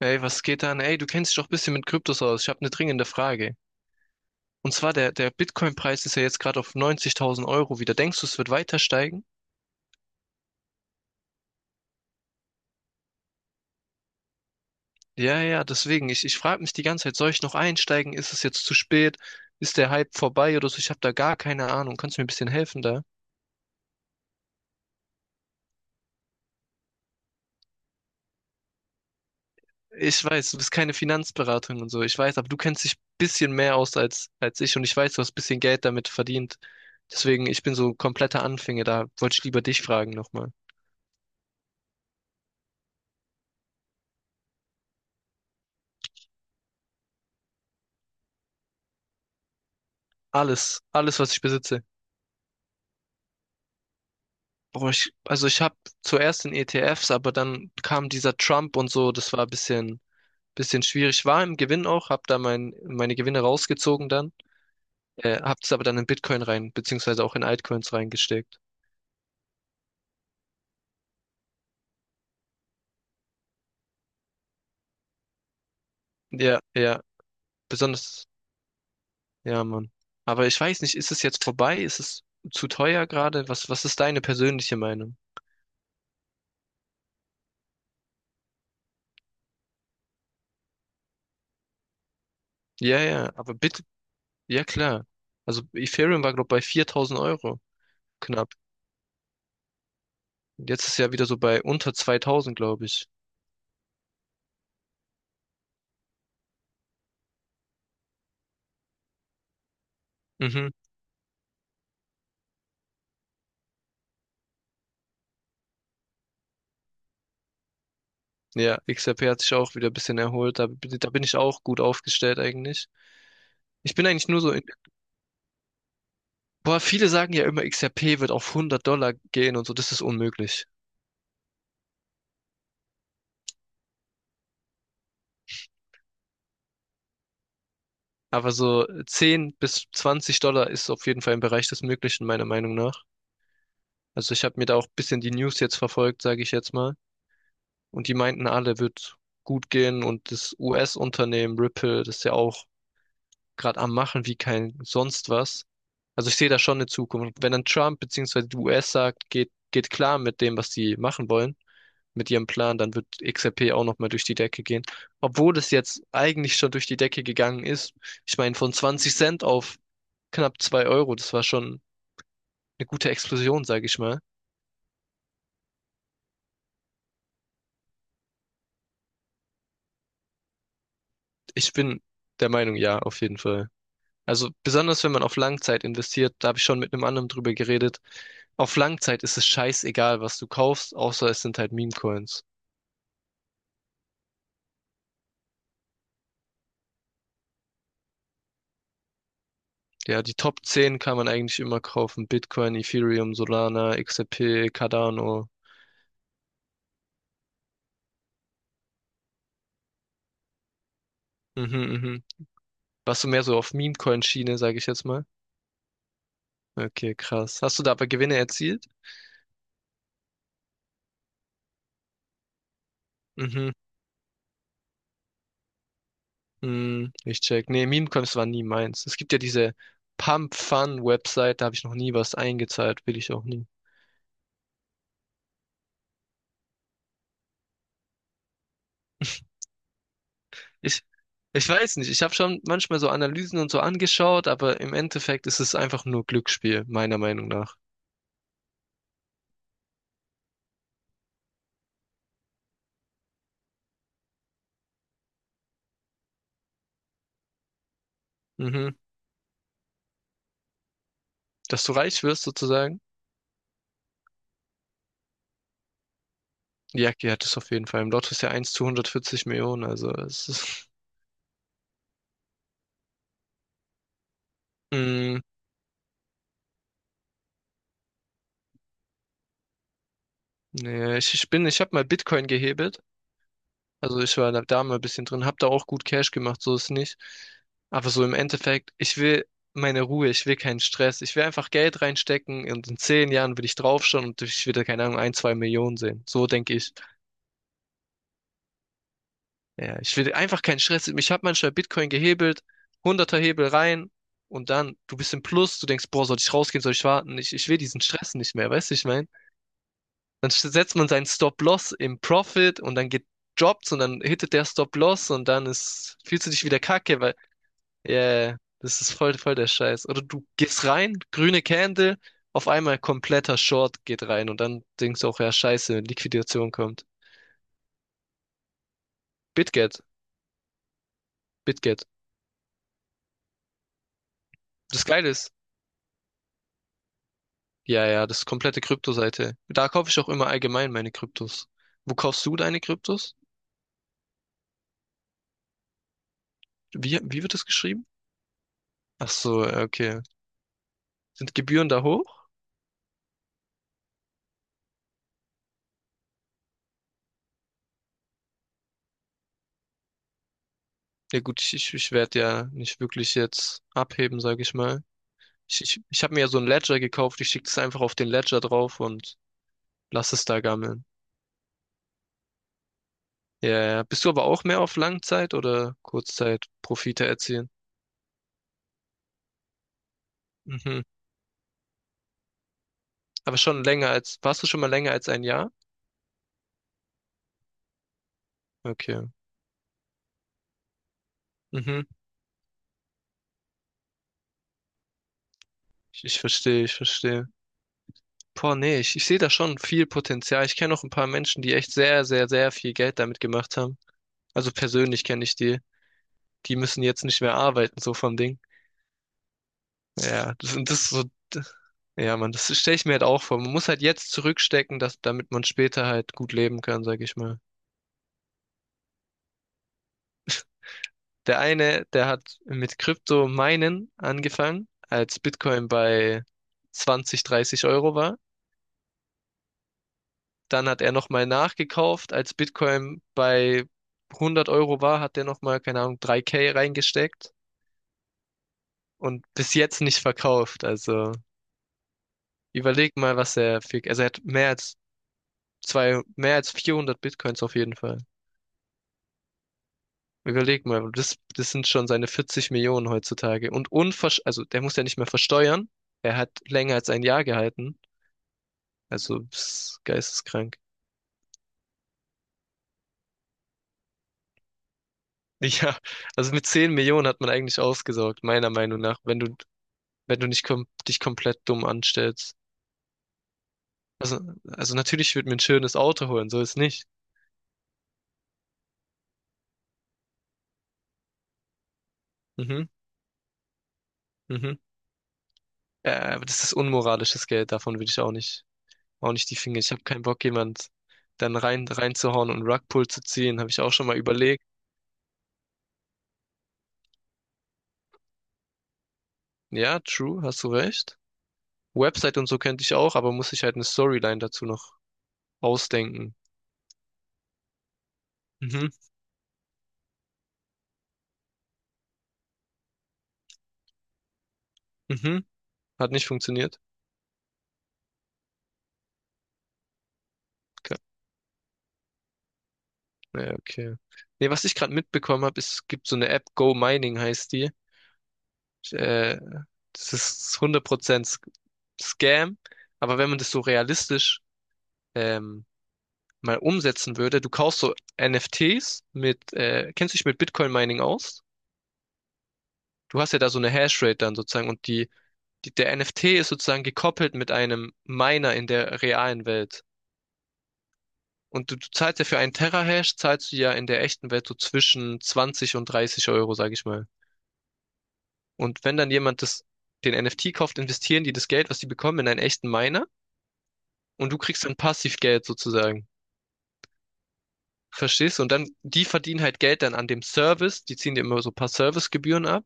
Ey, was geht an? Ey, du kennst dich doch ein bisschen mit Kryptos aus. Ich habe eine dringende Frage. Und zwar, der Bitcoin-Preis ist ja jetzt gerade auf 90.000 € wieder. Denkst du, es wird weiter steigen? Ja, ja, deswegen. Ich frage mich die ganze Zeit, soll ich noch einsteigen? Ist es jetzt zu spät? Ist der Hype vorbei oder so? Ich habe da gar keine Ahnung. Kannst du mir ein bisschen helfen da? Ich weiß, du bist keine Finanzberatung und so. Ich weiß, aber du kennst dich ein bisschen mehr aus als ich, und ich weiß, du hast ein bisschen Geld damit verdient. Deswegen, ich bin so kompletter Anfänger. Da wollte ich lieber dich fragen nochmal. Alles, alles, was ich besitze. Boah, also ich habe zuerst in ETFs, aber dann kam dieser Trump und so, das war ein bisschen schwierig. War im Gewinn auch, habe da meine Gewinne rausgezogen dann, habe es aber dann in Bitcoin rein, beziehungsweise auch in Altcoins reingesteckt. Ja, ja, besonders, ja, Mann. Aber ich weiß nicht, ist es jetzt vorbei? Ist es zu teuer gerade? Was ist deine persönliche Meinung? Ja, ja, aber bitte, ja klar. Also Ethereum war, glaube ich, bei 4.000 € knapp. Und jetzt ist ja wieder so bei unter 2.000, glaube ich. Mhm. Ja, XRP hat sich auch wieder ein bisschen erholt. Da bin ich auch gut aufgestellt eigentlich. Ich bin eigentlich nur so in, boah, viele sagen ja immer, XRP wird auf 100 $ gehen und so, das ist unmöglich. Aber so 10 bis 20 $ ist auf jeden Fall im Bereich des Möglichen, meiner Meinung nach. Also ich habe mir da auch ein bisschen die News jetzt verfolgt, sage ich jetzt mal. Und die meinten alle, wird gut gehen. Und das US-Unternehmen Ripple, das ist ja auch gerade am Machen wie kein sonst was. Also ich sehe da schon eine Zukunft. Wenn dann Trump beziehungsweise die US sagt, geht klar mit dem, was die machen wollen, mit ihrem Plan, dann wird XRP auch nochmal durch die Decke gehen. Obwohl es jetzt eigentlich schon durch die Decke gegangen ist. Ich meine, von 20 Cent auf knapp 2 Euro, das war schon eine gute Explosion, sage ich mal. Ich bin der Meinung, ja, auf jeden Fall. Also besonders wenn man auf Langzeit investiert, da habe ich schon mit einem anderen drüber geredet. Auf Langzeit ist es scheißegal, was du kaufst, außer es sind halt Meme-Coins. Ja, die Top 10 kann man eigentlich immer kaufen. Bitcoin, Ethereum, Solana, XRP, Cardano. Mhm, mhm. Warst du mehr so auf Meme-Coin-Schiene, sage ich jetzt mal? Okay, krass. Hast du da aber Gewinne erzielt? Mhm, hm, ich check. Nee, Meme-Coins war nie meins. Es gibt ja diese Pump-Fun-Website, da habe ich noch nie was eingezahlt, will ich auch nie. Ich, ich weiß nicht. Ich habe schon manchmal so Analysen und so angeschaut, aber im Endeffekt ist es einfach nur Glücksspiel, meiner Meinung nach. Mhm. Dass du reich wirst, sozusagen. Jackie hat es auf jeden Fall. Im Lotto ist ja eins zu 140 Millionen, also es ist. Mm, nee, ich habe mal Bitcoin gehebelt. Also ich war da mal ein bisschen drin, habe da auch gut Cash gemacht, so ist nicht. Aber so im Endeffekt, ich will meine Ruhe, ich will keinen Stress. Ich will einfach Geld reinstecken und in 10 Jahren will ich draufschauen und ich will da, keine Ahnung, ein, 2 Millionen sehen. So denke ich. Ja, ich will einfach keinen Stress. Ich habe manchmal Bitcoin gehebelt, hunderter Hebel rein, und dann, du bist im Plus, du denkst, boah, soll ich rausgehen, soll ich warten? Ich will diesen Stress nicht mehr, weißt du, ich mein? Dann setzt man seinen Stop-Loss im Profit und dann geht Jobs und dann hittet der Stop-Loss und dann ist, fühlst du dich wieder kacke, weil, ja, yeah, das ist voll der Scheiß. Oder du gehst rein, grüne Candle, auf einmal kompletter Short geht rein und dann denkst du auch, ja, scheiße, Liquidation kommt. BitGet, BitGet. Das Geile ist, ja, ja, das ist komplette Kryptoseite. Da kaufe ich auch immer allgemein meine Kryptos. Wo kaufst du deine Kryptos? Wie wird das geschrieben? Ach so, ja, okay. Sind Gebühren da hoch? Ja gut, ich werde ja nicht wirklich jetzt abheben, sage ich mal. Ich habe mir ja so ein Ledger gekauft. Ich schicke das einfach auf den Ledger drauf und lass es da gammeln. Ja, ja. Bist du aber auch mehr auf Langzeit- oder Kurzzeit-Profite erzielen? Mhm. Aber schon länger als, warst du schon mal länger als ein Jahr? Okay. Mhm. Ich verstehe, ich verstehe. Boah, nee, ich sehe da schon viel Potenzial. Ich kenne auch ein paar Menschen, die echt sehr, sehr, sehr viel Geld damit gemacht haben. Also persönlich kenne ich die. Die müssen jetzt nicht mehr arbeiten, so vom Ding. Ja, das ist so, ja, Mann, das stelle ich mir halt auch vor. Man muss halt jetzt zurückstecken, damit man später halt gut leben kann, sag ich mal. Der eine, der hat mit Krypto-Minen angefangen, als Bitcoin bei 20, 30 € war. Dann hat er nochmal nachgekauft, als Bitcoin bei 100 € war, hat er nochmal, keine Ahnung, 3K reingesteckt und bis jetzt nicht verkauft. Also überleg mal, was er für, also er hat mehr als zwei, mehr als 400 Bitcoins auf jeden Fall. Überleg mal, das sind schon seine 40 Millionen heutzutage. Und unversch, also der muss ja nicht mehr versteuern. Er hat länger als ein Jahr gehalten. Also, das geisteskrank. Ja, also mit 10 Millionen hat man eigentlich ausgesorgt, meiner Meinung nach, wenn du wenn du nicht kom dich komplett dumm anstellst. Also, also natürlich, ich würde mir ein schönes Auto holen, so ist nicht. Mhm, mhm. Aber das ist unmoralisches Geld, davon will ich auch nicht die Finger. Ich habe keinen Bock, jemand dann reinzuhauen und Rugpull zu ziehen, habe ich auch schon mal überlegt. Ja, true, hast du recht. Website und so könnte ich auch, aber muss ich halt eine Storyline dazu noch ausdenken. Mhm, mhm. Hat nicht funktioniert. Okay. Ja, okay. Nee, was ich gerade mitbekommen habe, es gibt so eine App, Go Mining heißt die. Äh, Das ist 100% Scam. Aber wenn man das so realistisch ähm, mal umsetzen würde, du kaufst so NFTs mit, kennst du dich mit Bitcoin Mining aus? Du hast ja da so eine Hashrate dann sozusagen und der NFT ist sozusagen gekoppelt mit einem Miner in der realen Welt. Und du zahlst ja für einen Terahash, zahlst du ja in der echten Welt so zwischen 20 und 30 Euro, sag ich mal. Und wenn dann jemand das, den NFT kauft, investieren die das Geld, was die bekommen, in einen echten Miner und du kriegst dann Passivgeld sozusagen. Verstehst du? Und dann, die verdienen halt Geld dann an dem Service, die ziehen dir immer so ein paar Servicegebühren ab.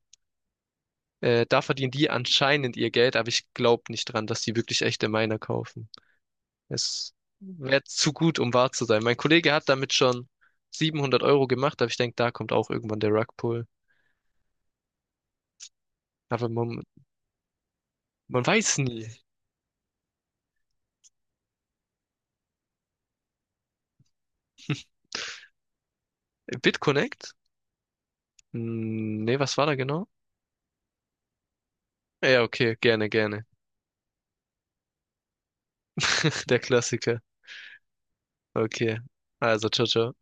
Da verdienen die anscheinend ihr Geld, aber ich glaube nicht dran, dass die wirklich echte Miner kaufen. Es wäre zu gut, um wahr zu sein. Mein Kollege hat damit schon 700 € gemacht, aber ich denke, da kommt auch irgendwann der Rugpull. Aber man weiß nie. BitConnect? Hm, nee, was war da genau? Ja, okay, gerne, gerne. Der Klassiker. Okay, also, ciao, ciao.